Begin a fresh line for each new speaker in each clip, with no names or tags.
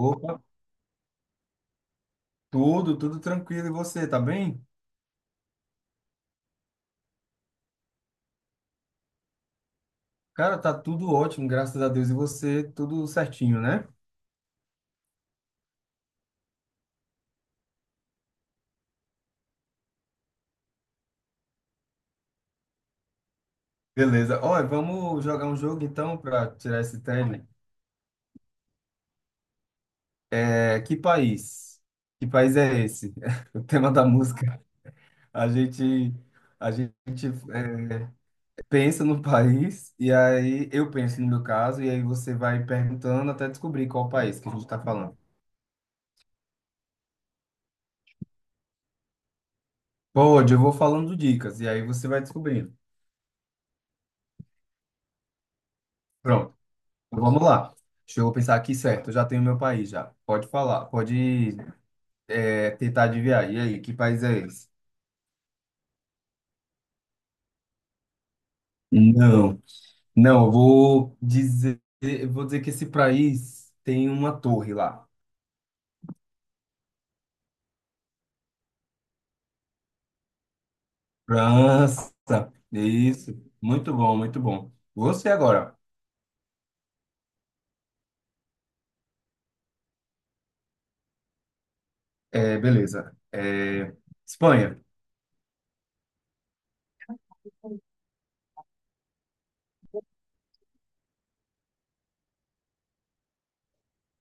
Opa, tudo tranquilo. E você, tá bem? Cara, tá tudo ótimo, graças a Deus. E você, tudo certinho, né? Beleza. Olha, vamos jogar um jogo então para tirar esse tédio. É, que país? Que país é esse? O tema da música. A gente, a gente é, Pensa no país e aí eu penso no meu caso e aí você vai perguntando até descobrir qual país que a gente está falando. Pode, eu vou falando dicas e aí você vai descobrindo. Pronto. Então, vamos lá. Deixa eu pensar aqui, certo. Eu já tenho meu país já. Pode falar, pode tentar adivinhar. E aí, que país é esse? Não, não, eu vou dizer que esse país tem uma torre lá. França. Isso. Muito bom, muito bom. Você agora. É, beleza. É, Espanha,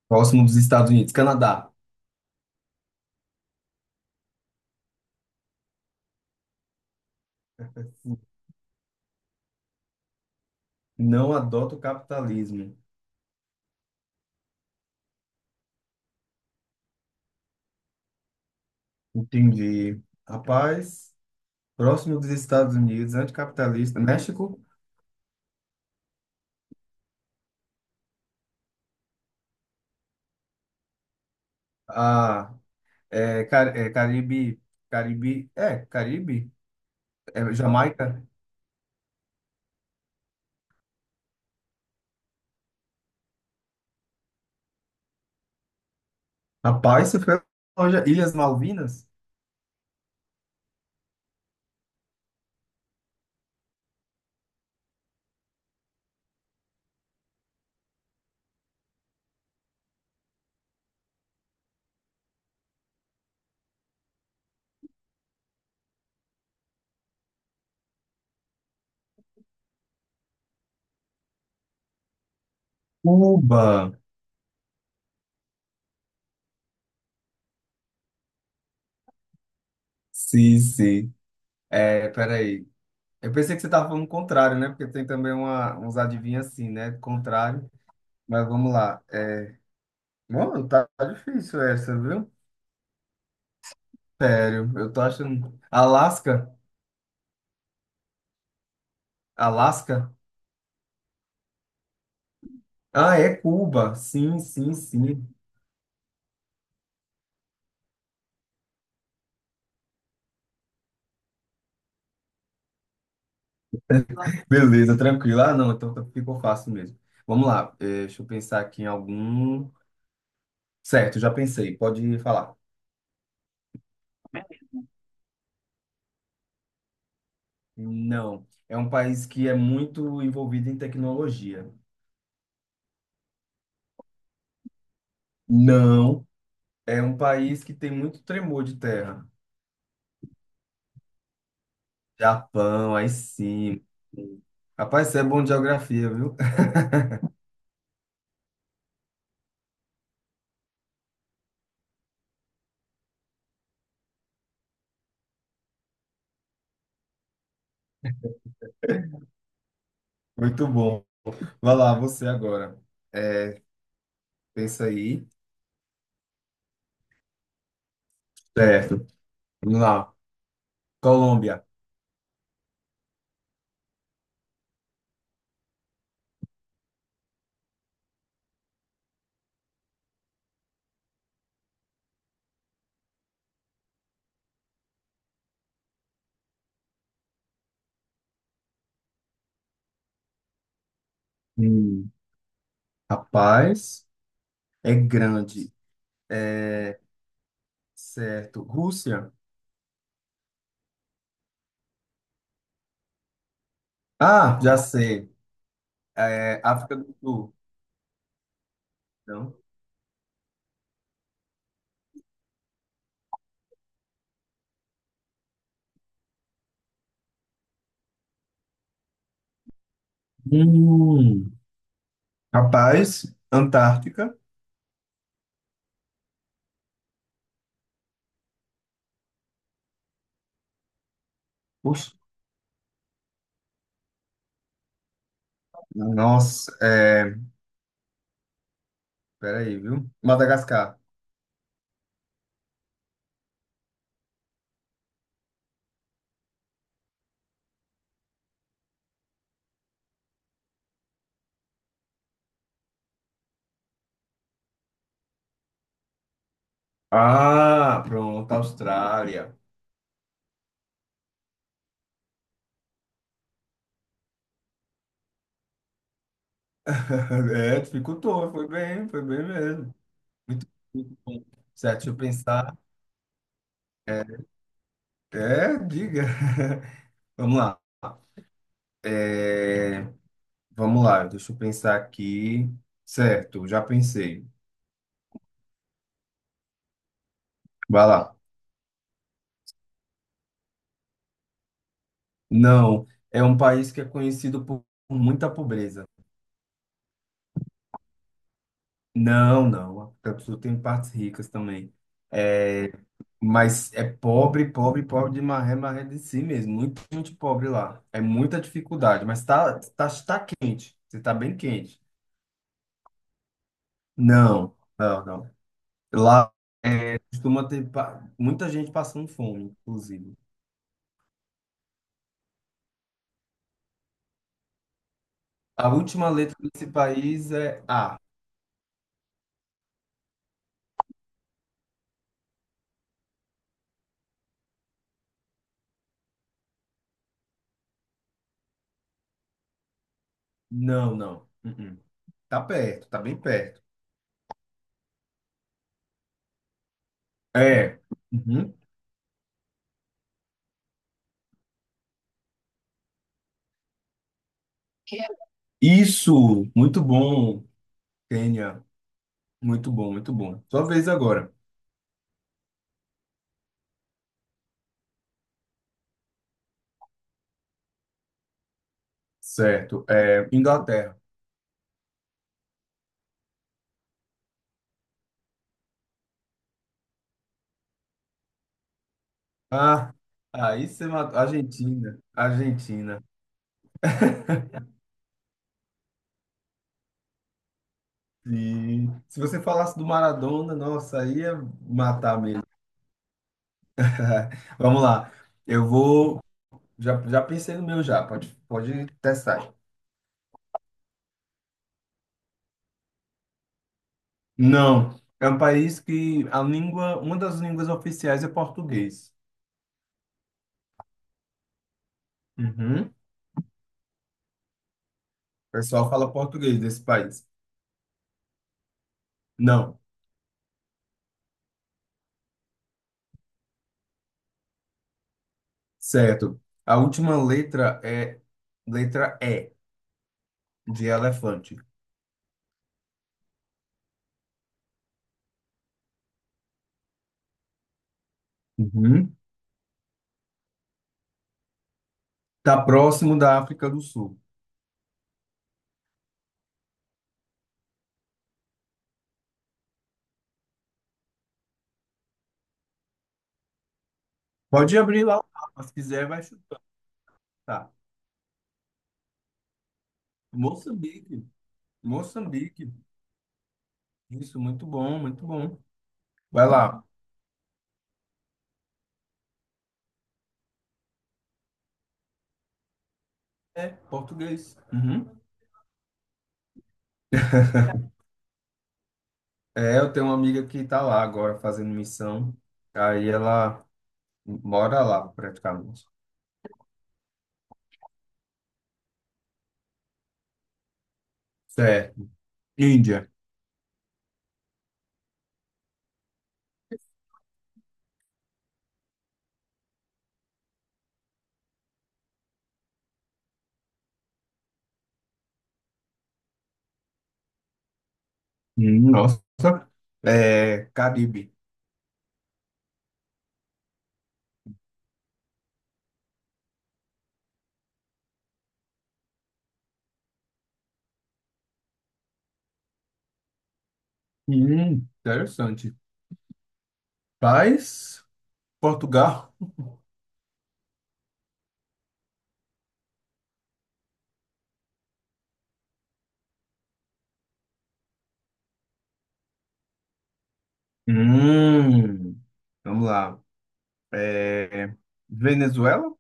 próximo dos Estados Unidos. Canadá. Não adota o capitalismo. Entendi. Rapaz. Próximo dos Estados Unidos, anticapitalista, México, a, é, Car- é, Caribe, Caribe, é, Caribe, Jamaica, rapaz, isso foi longe, Ilhas Malvinas, Cuba, sim, sim, é, peraí, eu pensei que você estava falando o contrário, né, porque tem também uma, uns adivinhos assim, né, contrário, mas vamos lá, é, mano, tá difícil essa, viu? Sério, eu tô achando, Alasca, Alasca, ah, é Cuba, sim, sim, sim. Beleza, tranquilo. Ah, não, então tá- ficou fácil mesmo. Vamos lá, deixa eu pensar aqui em algum. Certo, já pensei, pode falar. Não, é um país que é muito envolvido em tecnologia. Não, é um país que tem muito tremor de terra. Japão, aí sim. Rapaz, você é bom de geografia, viu? Muito bom. Vai lá, você agora. É, pensa aí. Certo, vamos lá. Colômbia. Hum. Rapaz, é grande. É, certo. Rússia? Ah, já sei. É, África do Sul. Não. Hum, rapaz, Antártica. Oxe, nossa, é, peraí, viu? Madagascar. Ah, pronto, Austrália. É, dificultou, foi bem mesmo. Muito, muito bom. Certo, deixa eu pensar. É, diga. Vamos lá. É, vamos lá, deixa eu pensar aqui. Certo, já pensei. Vai lá. Não, é um país que é conhecido por muita pobreza. Não, não, a África do Sul tem partes ricas também. É, mas é pobre, pobre, pobre de maré, maré de si mesmo. Muito, muito pobre lá. É muita dificuldade, mas tá quente. Você tá bem quente. Não, não, não. Lá é, costuma ter pa- muita gente passando fome, inclusive. A última letra desse país é A. Não, não. Uh-uh. Tá perto, tá bem perto. É. Uhum. Isso, muito bom, Kênia. Muito bom, muito bom. Sua vez agora. Certo. É, Inglaterra. Ah, aí você matou. Argentina. Argentina. E se você falasse do Maradona, nossa, aí ia matar mesmo. Vamos lá. Eu vou. Já pensei no meu já. Pode, pode testar. Não. É um país que a língua, uma das línguas oficiais é português. Uhum. O pessoal fala português desse país. Não. Certo. A última letra é Letra E, de elefante. Uhum. Tá próximo da África do Sul. Pode abrir lá, o mapa, se quiser, vai chutar. Moçambique. Moçambique. Isso, muito bom, muito bom. Vai lá. É, português. Uhum. É, eu tenho uma amiga que tá lá agora fazendo missão. Aí ela mora lá, praticamente. Certo. Índia. Nossa. É, Caribe. Interessante. Paz, Portugal, hum, vamos lá. É, Venezuela?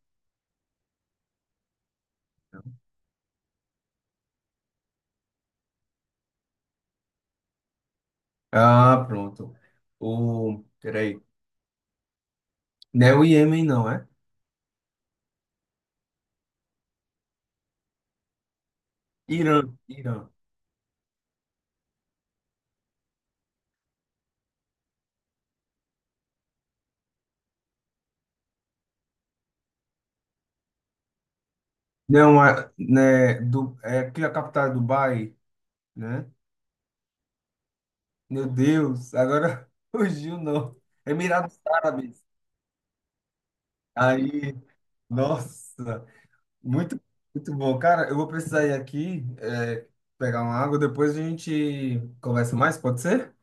Ah, pronto. O, peraí, não é o Iêmen, não, é? Irã, Irã. Não, é, né, do, é aqui a capital é Dubai, né? Meu Deus, agora fugiu, não. Emirados Árabes. Aí, nossa, muito, muito bom. Cara, eu vou precisar ir aqui, é, pegar uma água, depois a gente conversa mais, pode ser?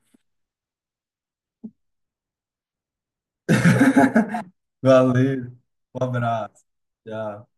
Valeu, um abraço. Tchau.